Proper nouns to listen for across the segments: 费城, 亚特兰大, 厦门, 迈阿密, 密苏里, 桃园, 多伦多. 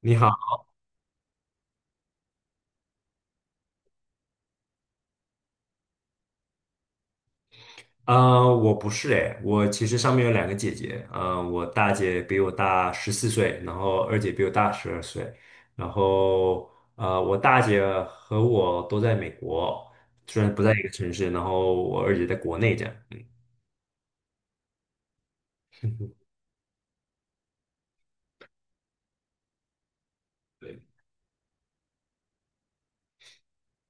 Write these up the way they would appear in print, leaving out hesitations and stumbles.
你好，我不是哎，我其实上面有两个姐姐，我大姐比我大14岁，然后二姐比我大12岁，然后我大姐和我都在美国，虽然不在一个城市，然后我二姐在国内这样。嗯，对。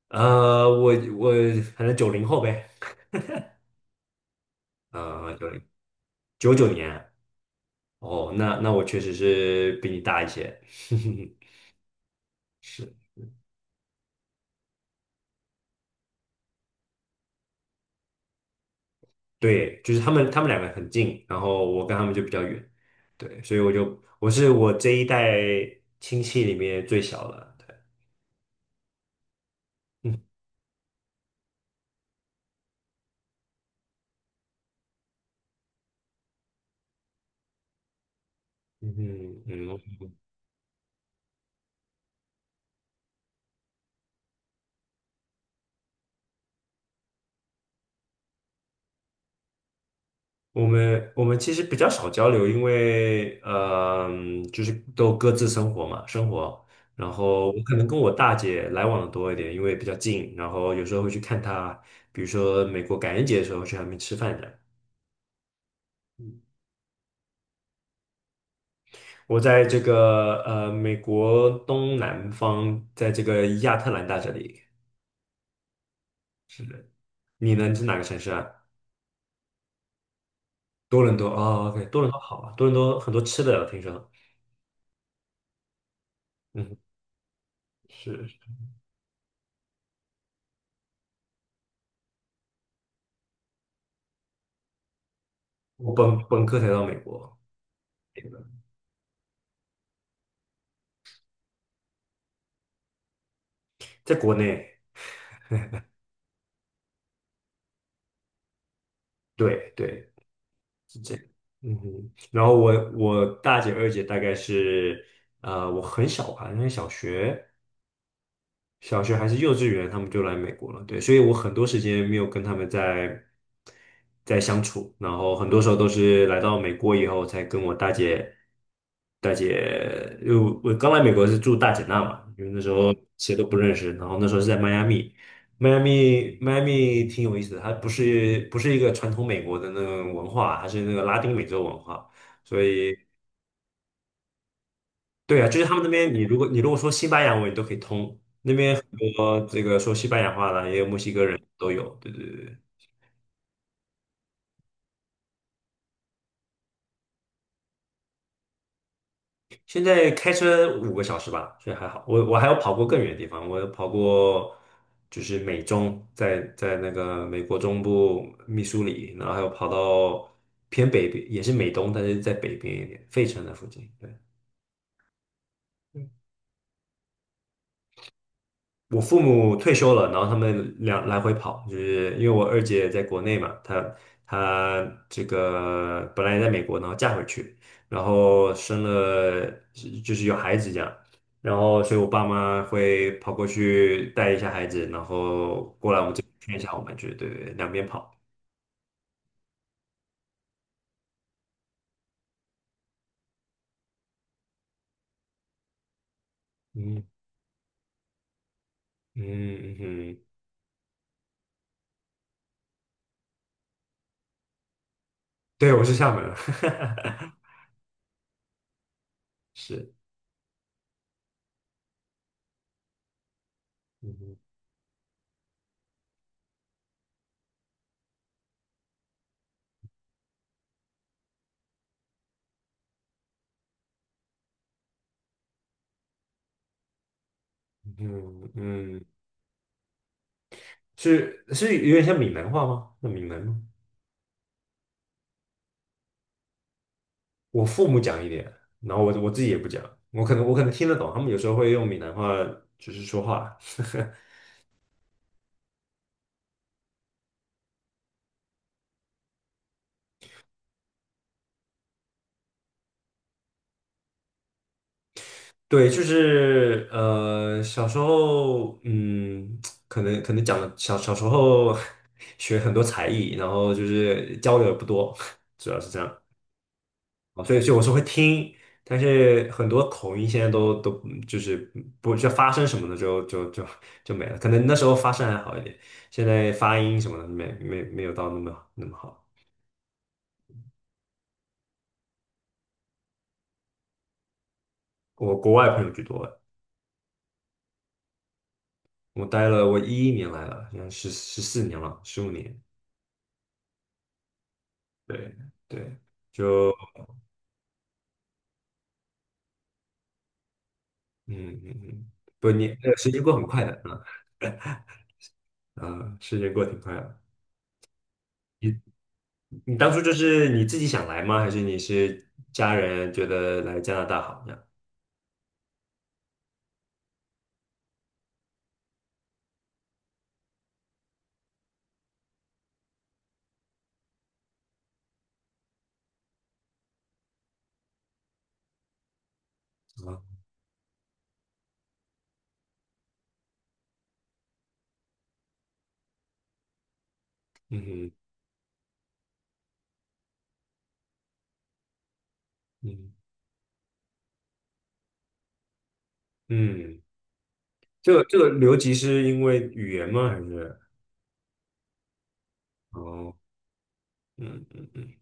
呃，我我反正90后呗。呃，九零99年。哦，那我确实是比你大一些。是。对，就是他们两个很近，然后我跟他们就比较远。对，所以我就我是我这一代亲戚里面最小的。对。嗯嗯嗯。我们其实比较少交流，因为就是都各自生活嘛，生活。然后我可能跟我大姐来往的多一点，因为比较近，然后有时候会去看她，比如说美国感恩节的时候去她那边吃饭的。我在这个美国东南方，在这个亚特兰大这里。你呢？你是哪个城市啊？多伦多哦，OK，多伦多好啊，多伦多很多吃的，我听说。嗯，是。我本科才到美国。在国内。对对。嗯哼。然后我大姐二姐大概是，我很小吧，因为小学还是幼稚园，他们就来美国了。对，所以我很多时间没有跟他们在相处，然后很多时候都是来到美国以后才跟我大姐，因为我刚来美国是住大姐那嘛，因为那时候谁都不认识，然后那时候是在迈阿密。迈阿密挺有意思的，它不是一个传统美国的那种文化，它是那个拉丁美洲文化，所以对啊，就是他们那边，你如果说西班牙文，你都可以通。那边很多这个说西班牙话的，也有墨西哥人都有。对对对对。现在开车5个小时吧，所以还好。我还有跑过更远的地方，我有跑过就是美中，在那个美国中部密苏里，然后还有跑到偏北边，也是美东，但是在北边一点，费城的附近。对。我父母退休了，然后他们两来回跑，就是因为我二姐在国内嘛，她这个本来也在美国，然后嫁回去，然后生了就是有孩子这样，然后所以我爸妈会跑过去带一下孩子，然后过来我们这边看一下我们，就是对对，对两边跑。嗯嗯。嗯哼。对，我是厦门人。是。嗯嗯嗯。是，是有点像闽南话吗？那闽南吗？我父母讲一点，然后我自己也不讲，我可能听得懂，他们有时候会用闽南话就是说话。对，就是小时候，嗯，可能讲的小时候 学很多才艺，然后就是交流也不多，主要是这样。啊所以我是会听，但是很多口音现在都就是不就发声什么的就没了，可能那时候发声还好一点，现在发音什么的没有到那么好。我国外朋友居多。我待了我11年来了，现在14年了，15年。对对。就嗯嗯嗯。不，你那个时间过很快的。啊啊，时间过挺快的。你你当初就是你自己想来吗？还是你是家人觉得来加拿大好这样？啊。嗯嗯嗯。这个留级是因为语言吗？还是哦，嗯嗯嗯。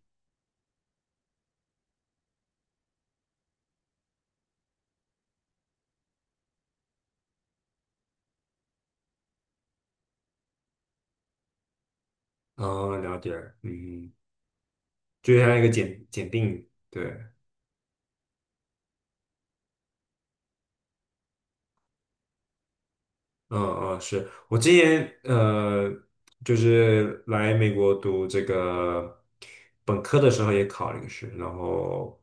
哦，了解。嗯，就像一个检定。对。嗯嗯。是我今年就是来美国读这个本科的时候也考了一个试，然后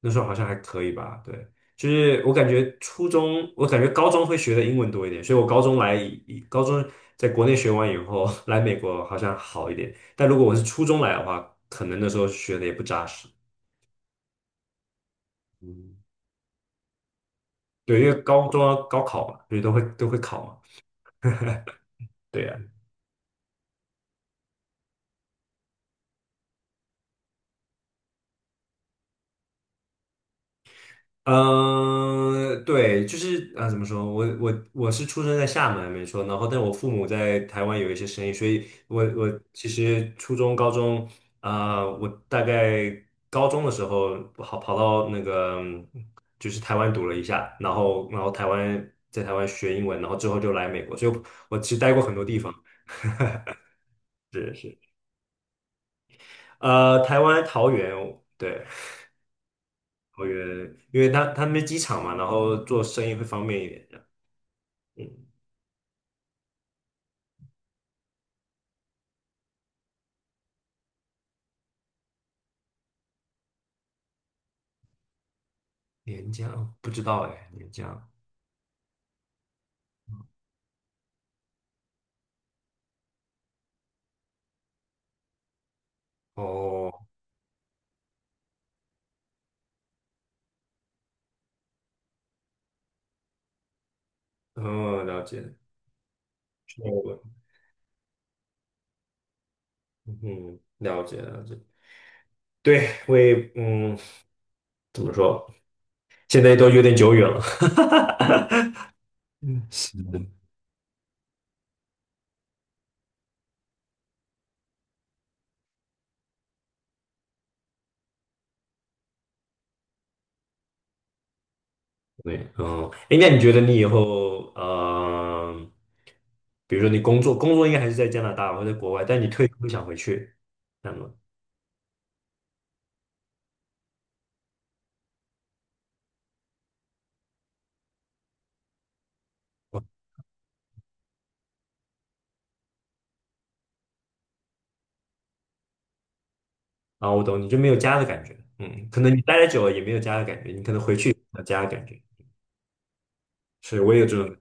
那时候好像还可以吧。对，就是我感觉初中，我感觉高中会学的英文多一点，所以我高中在国内学完以后 来美国好像好一点，但如果我是初中来的话，可能那时候学的也不扎实。嗯，对，因为高中要高考嘛，所以都会考嘛。对。呀。嗯，呃对，就是啊，怎么说？我是出生在厦门，没错。然后，但我父母在台湾有一些生意，所以我其实初中、高中啊、我大概高中的时候跑到那个嗯就是台湾读了一下，然后然后台湾在台湾学英文，然后之后就来美国，所以我其实待过很多地方。是是。台湾桃园。对，桃园，因为他们机场嘛，然后做生意会方便一点。这样嗯。廉江，哦不知道哎，廉江。哦，哦，了解，是我，嗯，了解了解。对，我也，嗯，怎么说，现在都有点久远了。嗯，是的。对，嗯，哎，那你觉得你以后，比如说你工作，工作应该还是在加拿大或者在国外，但你退休会想回去，那么。啊，我懂，你就没有家的感觉。嗯，可能你待的久了也没有家的感觉，你可能回去有家的感觉。是，我也有这种。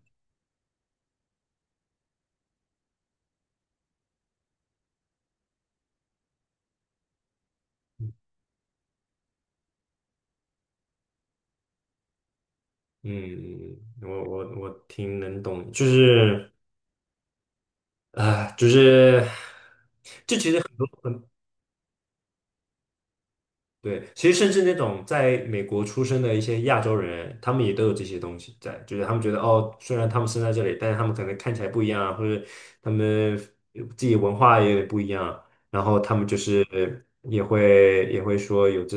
嗯。嗯嗯我挺能懂，就是啊、就是对，其实甚至那种在美国出生的一些亚洲人，他们也都有这些东西在，就是他们觉得哦，虽然他们生在这里，但是他们可能看起来不一样啊，或者他们自己文化也不一样啊，然后他们就是也会说有这。